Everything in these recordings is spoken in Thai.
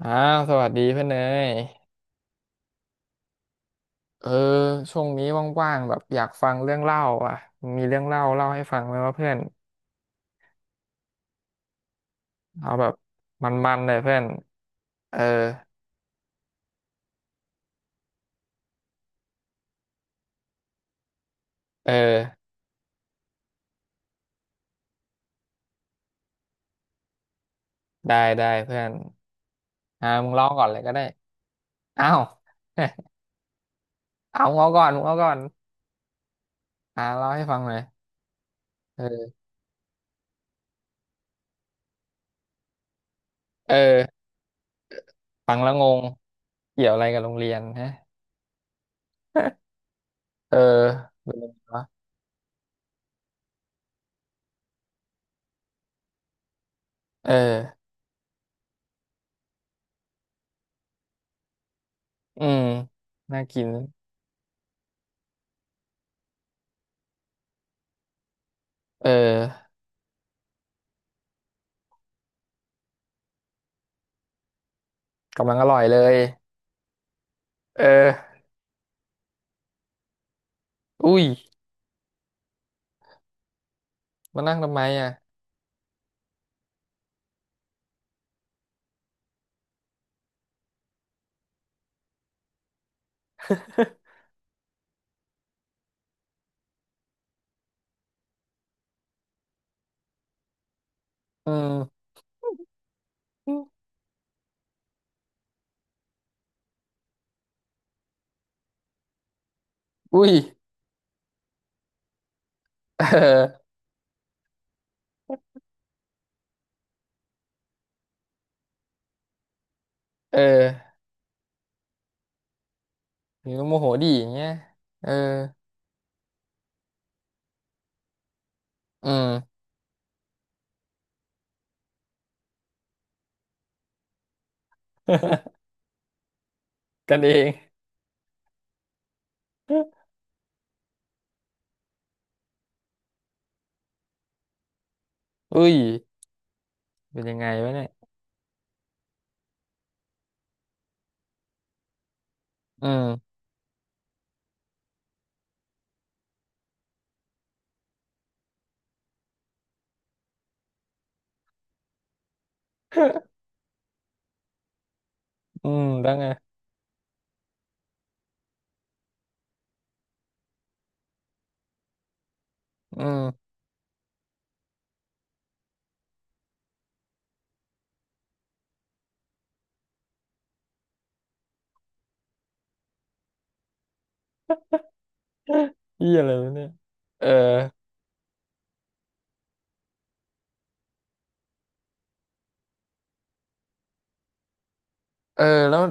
อ้าวสวัสดีเพื่อนเนยเออช่วงนี้ว่างๆแบบอยากฟังเรื่องเล่าอ่ะมีเรื่องเล่าเล่าให้ฟังไหมว่าเพื่อนเอาแบบมันๆเลยเพื่อนเออเออได้ได้เพื่อนอ่ามึงเล่าก่อนเลยก็ได้อ้าว เอามึงเอาก่อนมึงเอาก่อนอ่าเล่าให้ฟังหน่อยเออเออฟังแล้วงงเกี่ยวอะไรกับโรงเรียนฮะ เออเป็นยังไงวะเอออืมน่ากินเออกำลังอร่อยเลยเอออุ้ย มานั่งทำไมอ่ะ อืมอุ้ย เออเอออยู่โมโหดีอย่างเงี้ยเอออืม กันเอง อุ้ยเป็นยังไงวะเนี่ยอืมอืมแล้วไงอืมเหียอะไรวะเนี่ยเออเออแล้ว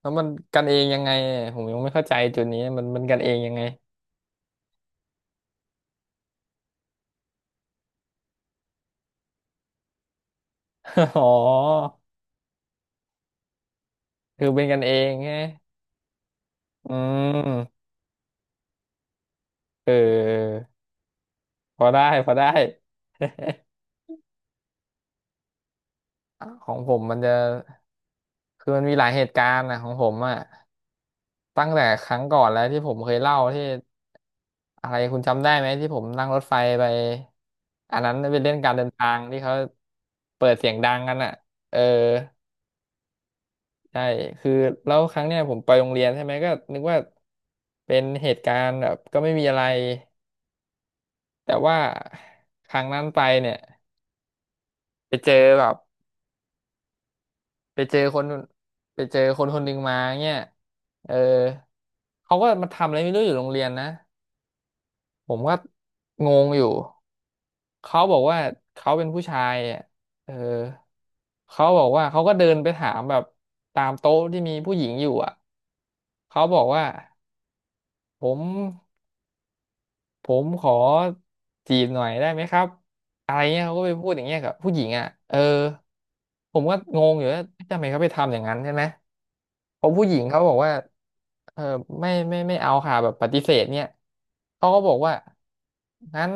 แล้วมันกันเองยังไงอะผมยังไม่เข้าใจจุดนี้มันมันกันเองยังไง อ๋อคือเป็นกันเองไงอืมเออพอได้พอได้ ของผมมันจะ คือมันมีหลายเหตุการณ์นะของผมอะตั้งแต่ครั้งก่อนแล้วที่ผมเคยเล่าที่อะไรคุณจำได้ไหมที่ผมนั่งรถไฟไปอันนั้นเป็นเล่นการเดินทางที่เขาเปิดเสียงดังกันอ่ะเออใช่คือแล้วครั้งเนี้ยผมไปโรงเรียนใช่ไหมก็นึกว่าเป็นเหตุการณ์แบบก็ไม่มีอะไรแต่ว่าครั้งนั้นไปเนี่ยไปเจอแบบไปเจอคนไปเจอคนคนหนึ่งมาเนี่ยเออเขาก็มาทำอะไรไม่รู้อยู่โรงเรียนนะ ผมก็งงอยู่ เขาบอกว่าเขาเป็นผู้ชายอ่ะเออ เขาบอกว่าเขาก็เดินไปถามแบบตามโต๊ะที่มีผู้หญิงอยู่อ่ะ เขาบอกว่าผม ผมขอจีบหน่อยได้ไหมครับอะไรเงี้ยเขาก็ไปพูดอย่างเงี้ยกับผู้หญิงอ่ะเออผมก็งงอยู่ว่าทำไมเขาไปทำอย่างนั้นใช่ไหมเพราะผู้หญิงเขาบอกว่าเออไม่ไม่ไม่เอาค่ะแบบปฏิเสธเนี่ยเขาก็บอกว่างั้น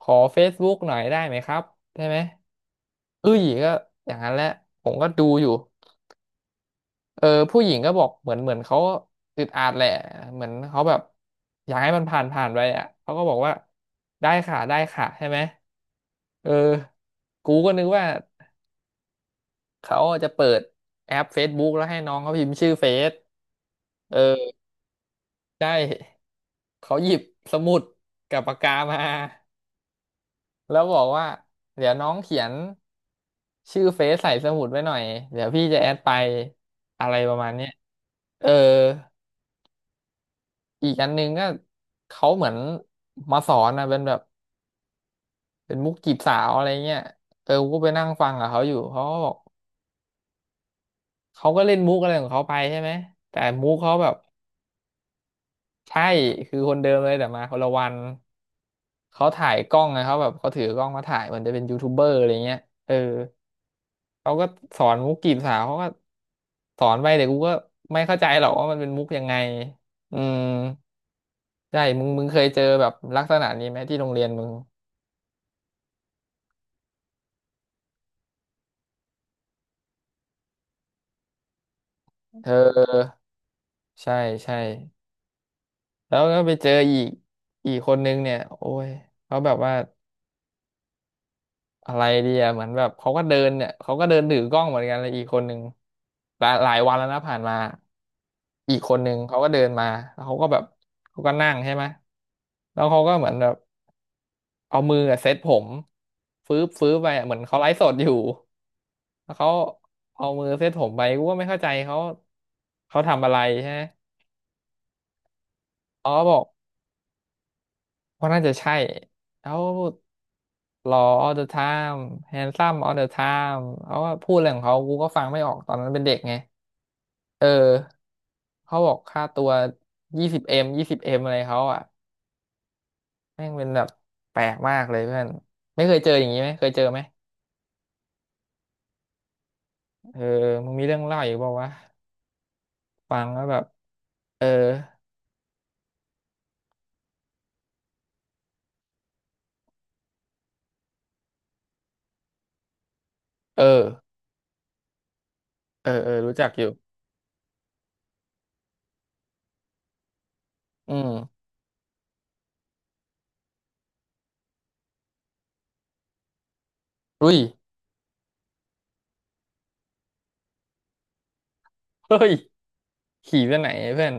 ขอเฟ c e b ๊ o หน่อยได้ไหมครับใช่ไหมเอ้ยก็อย่างนั้นแหละผมก็ดูอยู่ เออผู้หญิงก็บอกเหมือนเขาอึดอัดแหละเหมือนเขาแบบอยากให้มันผ่านไปอ่ะเขาก็บอกว่าได้ค่ะได้ค่ะใช่ไหมเออกูก็นึกว่าเขาจะเปิดแอป Facebook แล้วให้น้องเขาพิมพ์ชื่อเฟซเออได้เขาหยิบสมุดกับปากกามาแล้วบอกว่าเดี๋ยวน้องเขียนชื่อเฟซใส่สมุดไว้หน่อยเดี๋ยวพี่จะแอดไปอะไรประมาณเนี้ยเออ อีกอันหนึงก็เขาเหมือนมาสอนนะเป็นแบบเป็นมุกจีบสาวอะไรเงี้ยเออกูไปนั่งฟังกับเขาอยู่เขาก็บอกเขาก็เล่นมุกอะไรของเขาไปใช่ไหมแต่มุกเขาแบบใช่คือคนเดิมเลยแต่มาคนละวันเขาถ่ายกล้องไงเขาแบบเขาถือกล้องมาถ่ายเหมือนจะเป็นยูทูบเบอร์อะไรเงี้ยเออเขาก็สอนมุกจีบสาวเขาก็สอนไปแต่กูก็ไม่เข้าใจหรอกว่ามันเป็นมุกยังไงอืมใช่มึงเคยเจอแบบลักษณะนี้ไหมที่โรงเรียนมึงเออ ใช่ใช่แล้วก็ไปเจออีกอีกคนนึงเนี่ยโอ้ยเขาแบบว่าอะไรดีอะเหมือนแบบเขาก็เดินเนี่ยเขาก็เดินถือกล้องเหมือนกันเลยอีกคนนึงหลายวันแล้วนะผ่านมาอีกคนนึงเขาก็เดินมาแล้วเขาก็แบบเขาก็นั่งใช่ไหมแล้วเขาก็เหมือนแบบเอามืออะเซตผมฟื้บไปอะเหมือนเขาไลฟ์สดอยู่แล้วเขาเอามือเซตผมไปกูก็ไม่เข้าใจเขาเขาทำอะไรใช่ไหมอ๋อบอกว่าน่าจะใช่แล้ว หล่อ all the time handsome all the time เขาว่าพูดอะไรของเขากูก็ฟังไม่ออกตอนนั้นเป็นเด็กไงเออเขาบอกค่าตัวยี่สิบเอ็มยี่สิบเอ็มอะไรเขาอ่ะแม่งเป็นแบบแปลกมากเลยเพื่อนไม่เคยเจออย่างนี้ไหมเคยเจอไหมเออมึงมีเรื่องเล่าอยู่บอกว่าวะฟังแล้วแบบเออเออเออเออรู้จักอยู่อืมอุ้ยเฮ้ยขี่ไปไหนเพื่อน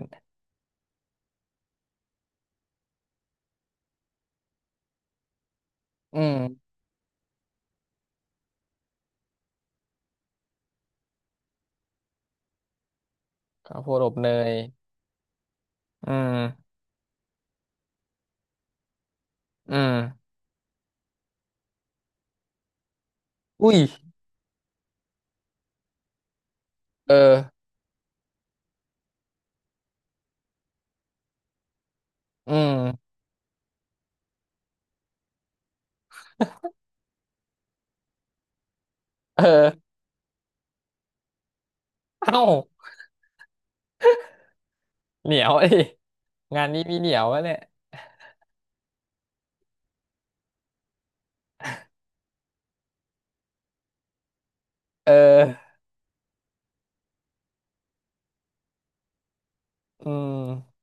อืมข้าวโพดอบเนยอืมอืมอุ้ยเอออืมเออเอ้า เหนียว ดิงานนี้มีเหนียววะเนี่ยเออ อืม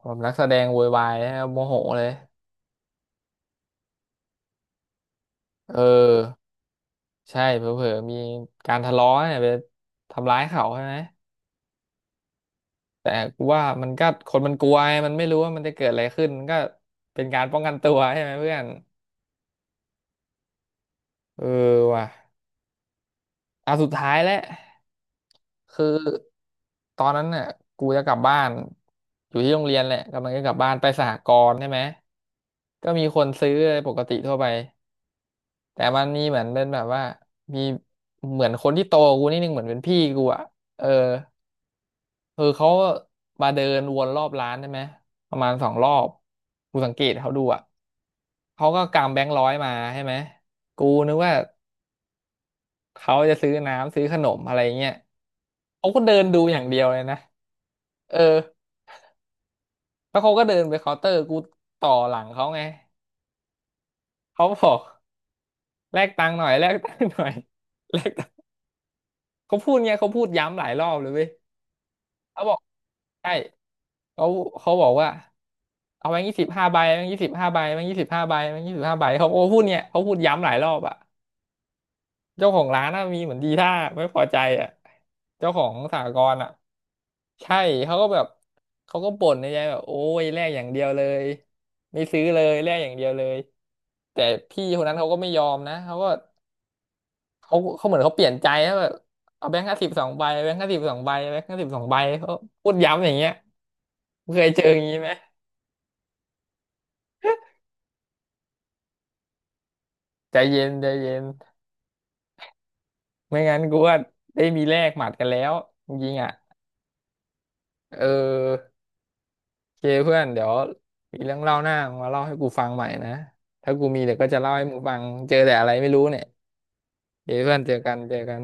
ผมนักแสดงโวยวายนะครับโมโหเลย เออ ใช่เผลอๆมีการทะเลาะเนี่ยไปทำร้ายเขาใช่ไหม แต่กูว่ามันก็คนมันกลัวไงมันไม่รู้ว่ามันจะเกิดอะไรขึ้นมันก็เป็นการป้องกันตัวใช่ไหมเพื่อน เออว่ะ อ่ะสุดท้ายแล้วคือตอนนั้นเนี่ยกูจะกลับบ้านอยู่ที่โรงเรียนแหละกำลังจะกลับบ้านไปสหกรณ์ใช่ไหมก็มีคนซื้อปกติทั่วไปแต่มันมีเหมือนเป็นแบบว่ามีเหมือนคนที่โตกว่ากูนิดนึงเหมือนเป็นพี่กูอ่ะเออคือเขามาเดินวนรอบร้านใช่ไหมประมาณสองรอบกูสังเกตเขาดูอ่ะเขาก็กำแบงค์ร้อยมาใช่ไหมกูนึกว่า เขาจะซื้อน้ำซื้อขนมอะไรเงี้ย เขาก็เดินดูอย่างเดียวเลยนะ เออแล้วเขาก็เดินไปเคาน์เตอร์กูต่อหลังเขาไงเขาบอกแลกตังค์หน่อยแลกตังค์หน่อยแลกตังค์เขาพูดเงี้ยเขาพูดย้ำหลายรอบเลยเว้ยเขาบอกใช่เขาเขาบอกว่าเอาแบงค์ยี่สิบห้าใบแบงค์ยี่สิบห้าใบแบงค์ยี่สิบห้าใบแบงค์ยี่สิบห้าใบาเขาโอ้พูดเงี้ยเขาพูดย้ำหลายรอบอะ เจ้าของร้านน่ะมีเหมือนดีท่าไม่พอใจอ่ะเจ้าของสหกรณ์อ่ะใช่เขาก็แบบเขาก็บ่นในใจแบบโอ้ยแลกอย่างเดียวเลยไม่ซื้อเลยแลกอย่างเดียวเลยแต่พี่คนนั้นเขาก็ไม่ยอมนะเขาก็เขาเหมือนเขาเปลี่ยนใจแล้วแบบเอาแบงค์ห้าสิบสองใบแบงค์ห้าสิบสองใบแบงค์ห้าสิบสองใบเขาพูดย้ำอย่างเงี้ยเคยเจออย่างนี้ไหมใจเย็นใจเย็นไม่งั้นกูว่าได้มีแลกหมัดกันแล้วจริงๆอ่ะเออ เคเพื่อนเดี๋ยวมีเรื่องเล่าหน้ามาเล่าให้กูฟังใหม่นะถ้ากูมีเดี๋ยวก็จะเล่าให้มึงฟังเจอแต่อะไรไม่รู้เนี่ยเคเพื่อนเจอกันเจอกัน